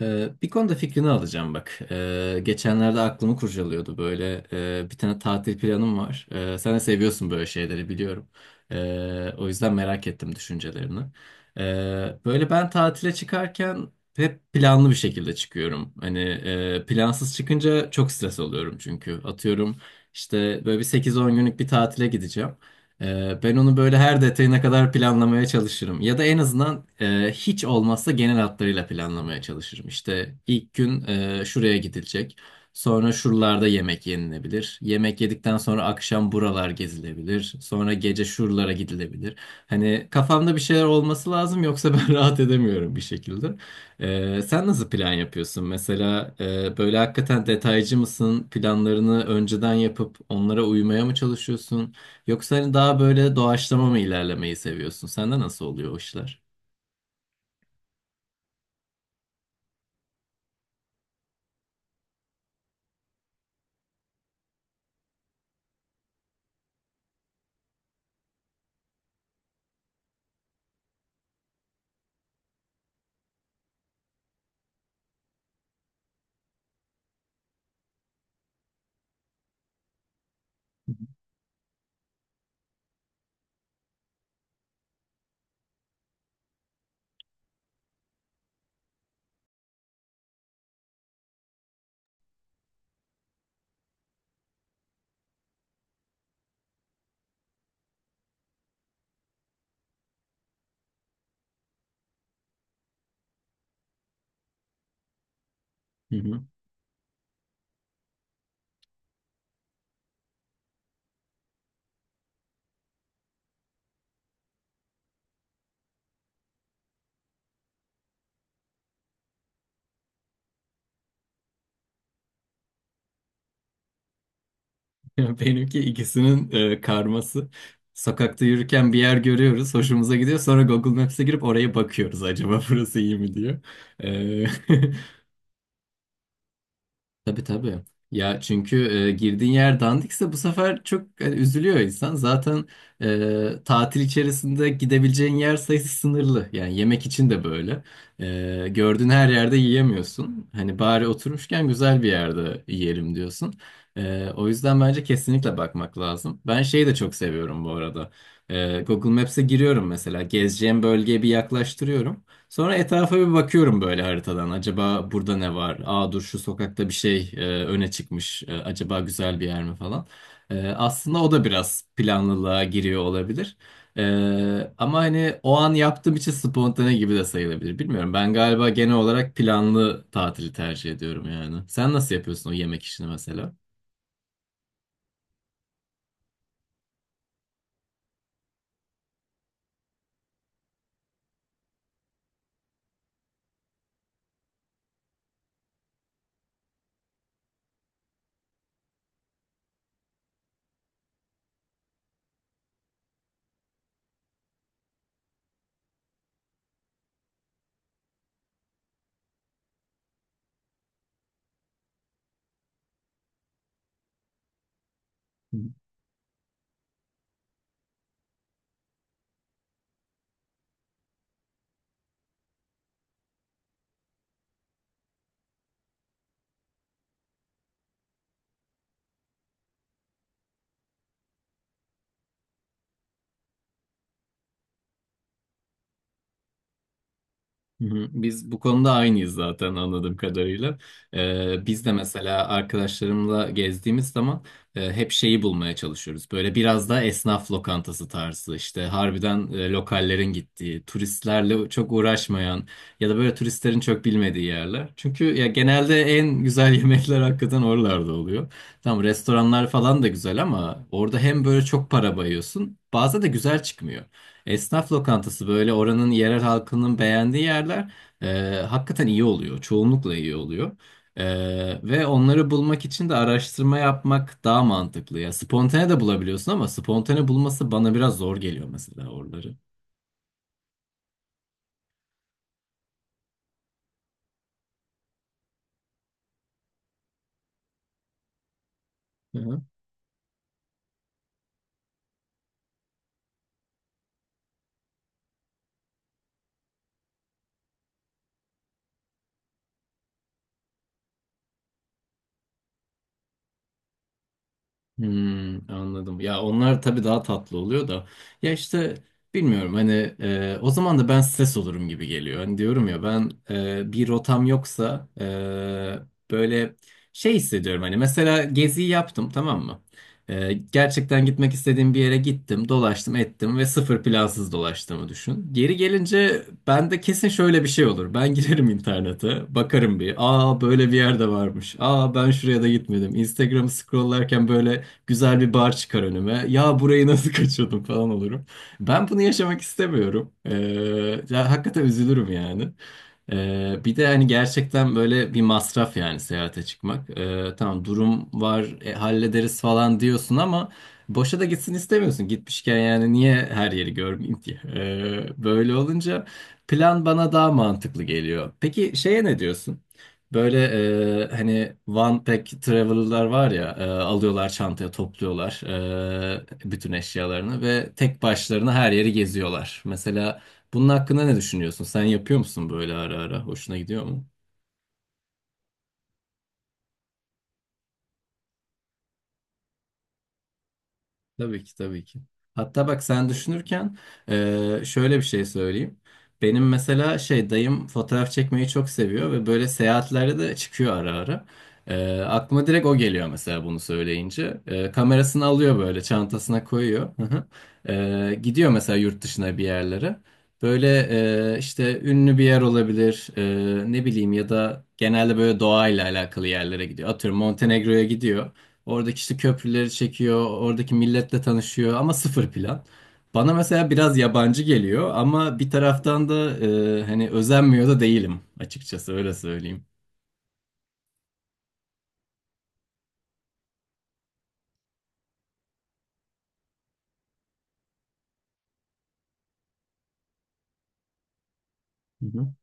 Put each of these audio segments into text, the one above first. Bir konuda fikrini alacağım bak. Geçenlerde aklımı kurcalıyordu böyle. Bir tane tatil planım var. Sen de seviyorsun böyle şeyleri biliyorum. O yüzden merak ettim düşüncelerini. Böyle ben tatile çıkarken hep planlı bir şekilde çıkıyorum. Hani plansız çıkınca çok stres oluyorum çünkü. Atıyorum işte böyle 8-10 günlük bir tatile gideceğim. Ben onu böyle her detayına kadar planlamaya çalışırım. Ya da en azından hiç olmazsa genel hatlarıyla planlamaya çalışırım. İşte ilk gün şuraya gidilecek. Sonra şuralarda yemek yenilebilir. Yemek yedikten sonra akşam buralar gezilebilir. Sonra gece şuralara gidilebilir. Hani kafamda bir şeyler olması lazım, yoksa ben rahat edemiyorum bir şekilde. Sen nasıl plan yapıyorsun? Mesela böyle hakikaten detaycı mısın? Planlarını önceden yapıp onlara uymaya mı çalışıyorsun? Yoksa hani daha böyle doğaçlama mı ilerlemeyi seviyorsun? Sende nasıl oluyor o işler? Hı hı. Benimki ikisinin karması. Sokakta yürürken bir yer görüyoruz, hoşumuza gidiyor. Sonra Google Maps'e girip oraya bakıyoruz, acaba burası iyi mi diyor. E, Tabii tabii. Ya çünkü girdiğin yer dandikse bu sefer çok hani, üzülüyor insan. Zaten tatil içerisinde gidebileceğin yer sayısı sınırlı. Yani yemek için de böyle. Gördüğün her yerde yiyemiyorsun. Hani bari oturmuşken güzel bir yerde yiyelim diyorsun. O yüzden bence kesinlikle bakmak lazım. Ben şeyi de çok seviyorum bu arada. Google Maps'e giriyorum mesela. Gezeceğim bölgeye bir yaklaştırıyorum. Sonra etrafa bir bakıyorum böyle haritadan. Acaba burada ne var? Aa, dur, şu sokakta bir şey öne çıkmış. Acaba güzel bir yer mi falan. Aslında o da biraz planlılığa giriyor olabilir. Ama hani o an yaptığım için spontane gibi de sayılabilir. Bilmiyorum. Ben galiba genel olarak planlı tatili tercih ediyorum yani. Sen nasıl yapıyorsun o yemek işini mesela? Hı hı. Biz bu konuda aynıyız zaten anladığım kadarıyla. Biz de mesela arkadaşlarımla gezdiğimiz zaman hep şeyi bulmaya çalışıyoruz. Böyle biraz daha esnaf lokantası tarzı, işte harbiden lokallerin gittiği, turistlerle çok uğraşmayan ya da böyle turistlerin çok bilmediği yerler. Çünkü ya genelde en güzel yemekler hakikaten oralarda oluyor. Tamam, restoranlar falan da güzel ama orada hem böyle çok para bayıyorsun, bazen de güzel çıkmıyor. Esnaf lokantası, böyle oranın yerel halkının beğendiği yerler hakikaten iyi oluyor. Çoğunlukla iyi oluyor. E, Ve onları bulmak için de araştırma yapmak daha mantıklı ya. Spontane de bulabiliyorsun ama spontane bulması bana biraz zor geliyor mesela oraları. Hmm, anladım. Ya onlar tabii daha tatlı oluyor da. Ya işte bilmiyorum, hani o zaman da ben stres olurum gibi geliyor. Hani diyorum ya, ben bir rotam yoksa böyle şey hissediyorum, hani mesela geziyi yaptım, tamam mı? Gerçekten gitmek istediğim bir yere gittim, dolaştım, ettim ve sıfır plansız dolaştığımı düşün. Geri gelince bende kesin şöyle bir şey olur. Ben girerim internete, bakarım bir. Aa, böyle bir yerde varmış. Aa, ben şuraya da gitmedim. Instagram'ı scrolllarken böyle güzel bir bar çıkar önüme. Ya, burayı nasıl kaçırdım falan olurum. Ben bunu yaşamak istemiyorum. Ya hakikaten üzülürüm yani. Bir de hani gerçekten böyle bir masraf yani seyahate çıkmak. Tamam, durum var, hallederiz falan diyorsun ama boşa da gitsin istemiyorsun. Gitmişken yani niye her yeri görmeyeyim diye. Böyle olunca plan bana daha mantıklı geliyor. Peki şeye ne diyorsun? Böyle hani one pack traveler'lar var ya, alıyorlar çantaya, topluyorlar bütün eşyalarını ve tek başlarına her yeri geziyorlar. Mesela bunun hakkında ne düşünüyorsun? Sen yapıyor musun böyle ara ara? Hoşuna gidiyor mu? Tabii ki, tabii ki. Hatta bak, sen düşünürken şöyle bir şey söyleyeyim. Benim mesela şey dayım fotoğraf çekmeyi çok seviyor ve böyle seyahatlerde de çıkıyor ara ara. Aklıma direkt o geliyor mesela bunu söyleyince. Kamerasını alıyor, böyle çantasına koyuyor. Hı hı. Gidiyor mesela yurt dışına bir yerlere. Böyle işte ünlü bir yer olabilir, ne bileyim, ya da genelde böyle doğayla alakalı yerlere gidiyor. Atıyorum Montenegro'ya gidiyor. Oradaki işte köprüleri çekiyor, oradaki milletle tanışıyor ama sıfır plan. Bana mesela biraz yabancı geliyor ama bir taraftan da hani özenmiyor da değilim, açıkçası öyle söyleyeyim. Hı hı.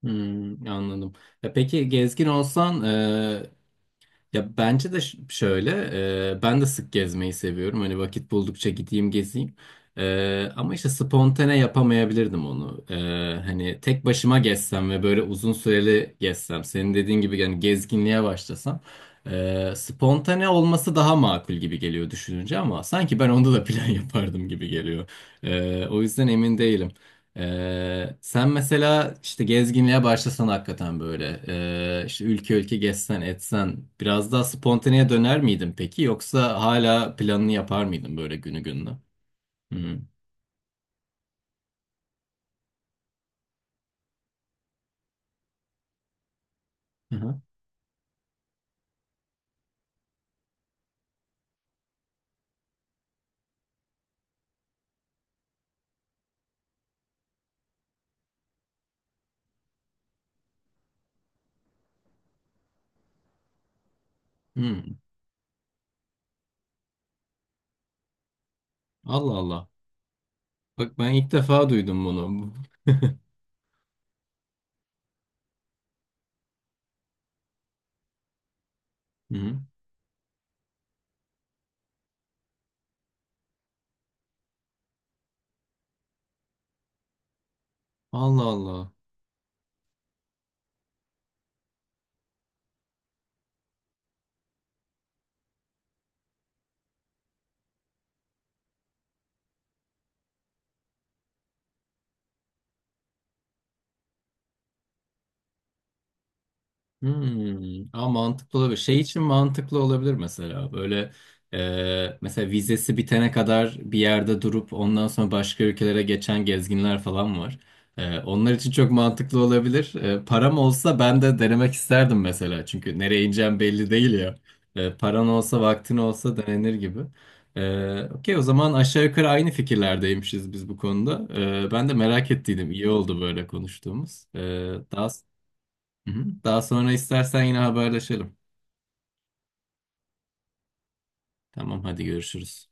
Hmm, anladım. Ya peki gezgin olsan ya bence de şöyle ben de sık gezmeyi seviyorum. Hani vakit buldukça gideyim gezeyim. Ama işte spontane yapamayabilirdim onu. Hani tek başıma gezsem ve böyle uzun süreli gezsem, senin dediğin gibi yani gezginliğe başlasam spontane olması daha makul gibi geliyor düşününce, ama sanki ben onda da plan yapardım gibi geliyor. O yüzden emin değilim. Sen mesela işte gezginliğe başlasan hakikaten böyle işte ülke ülke gezsen etsen biraz daha spontaneye döner miydin peki, yoksa hala planını yapar mıydın böyle günü gününe? Hı hı. Hı. Allah Allah. Bak ben ilk defa duydum bunu. Hı. Allah Allah. Hmm, ama mantıklı olabilir. Şey için mantıklı olabilir mesela. Böyle mesela vizesi bitene kadar bir yerde durup ondan sonra başka ülkelere geçen gezginler falan var. Onlar için çok mantıklı olabilir. Param olsa ben de denemek isterdim mesela. Çünkü nereye ineceğim belli değil ya. Paran olsa vaktin olsa denenir gibi. Okey, o zaman aşağı yukarı aynı fikirlerdeymişiz biz bu konuda. Ben de merak ettiydim. İyi oldu böyle konuştuğumuz. E, daha Hı hı. Daha sonra istersen yine haberleşelim. Tamam, hadi görüşürüz.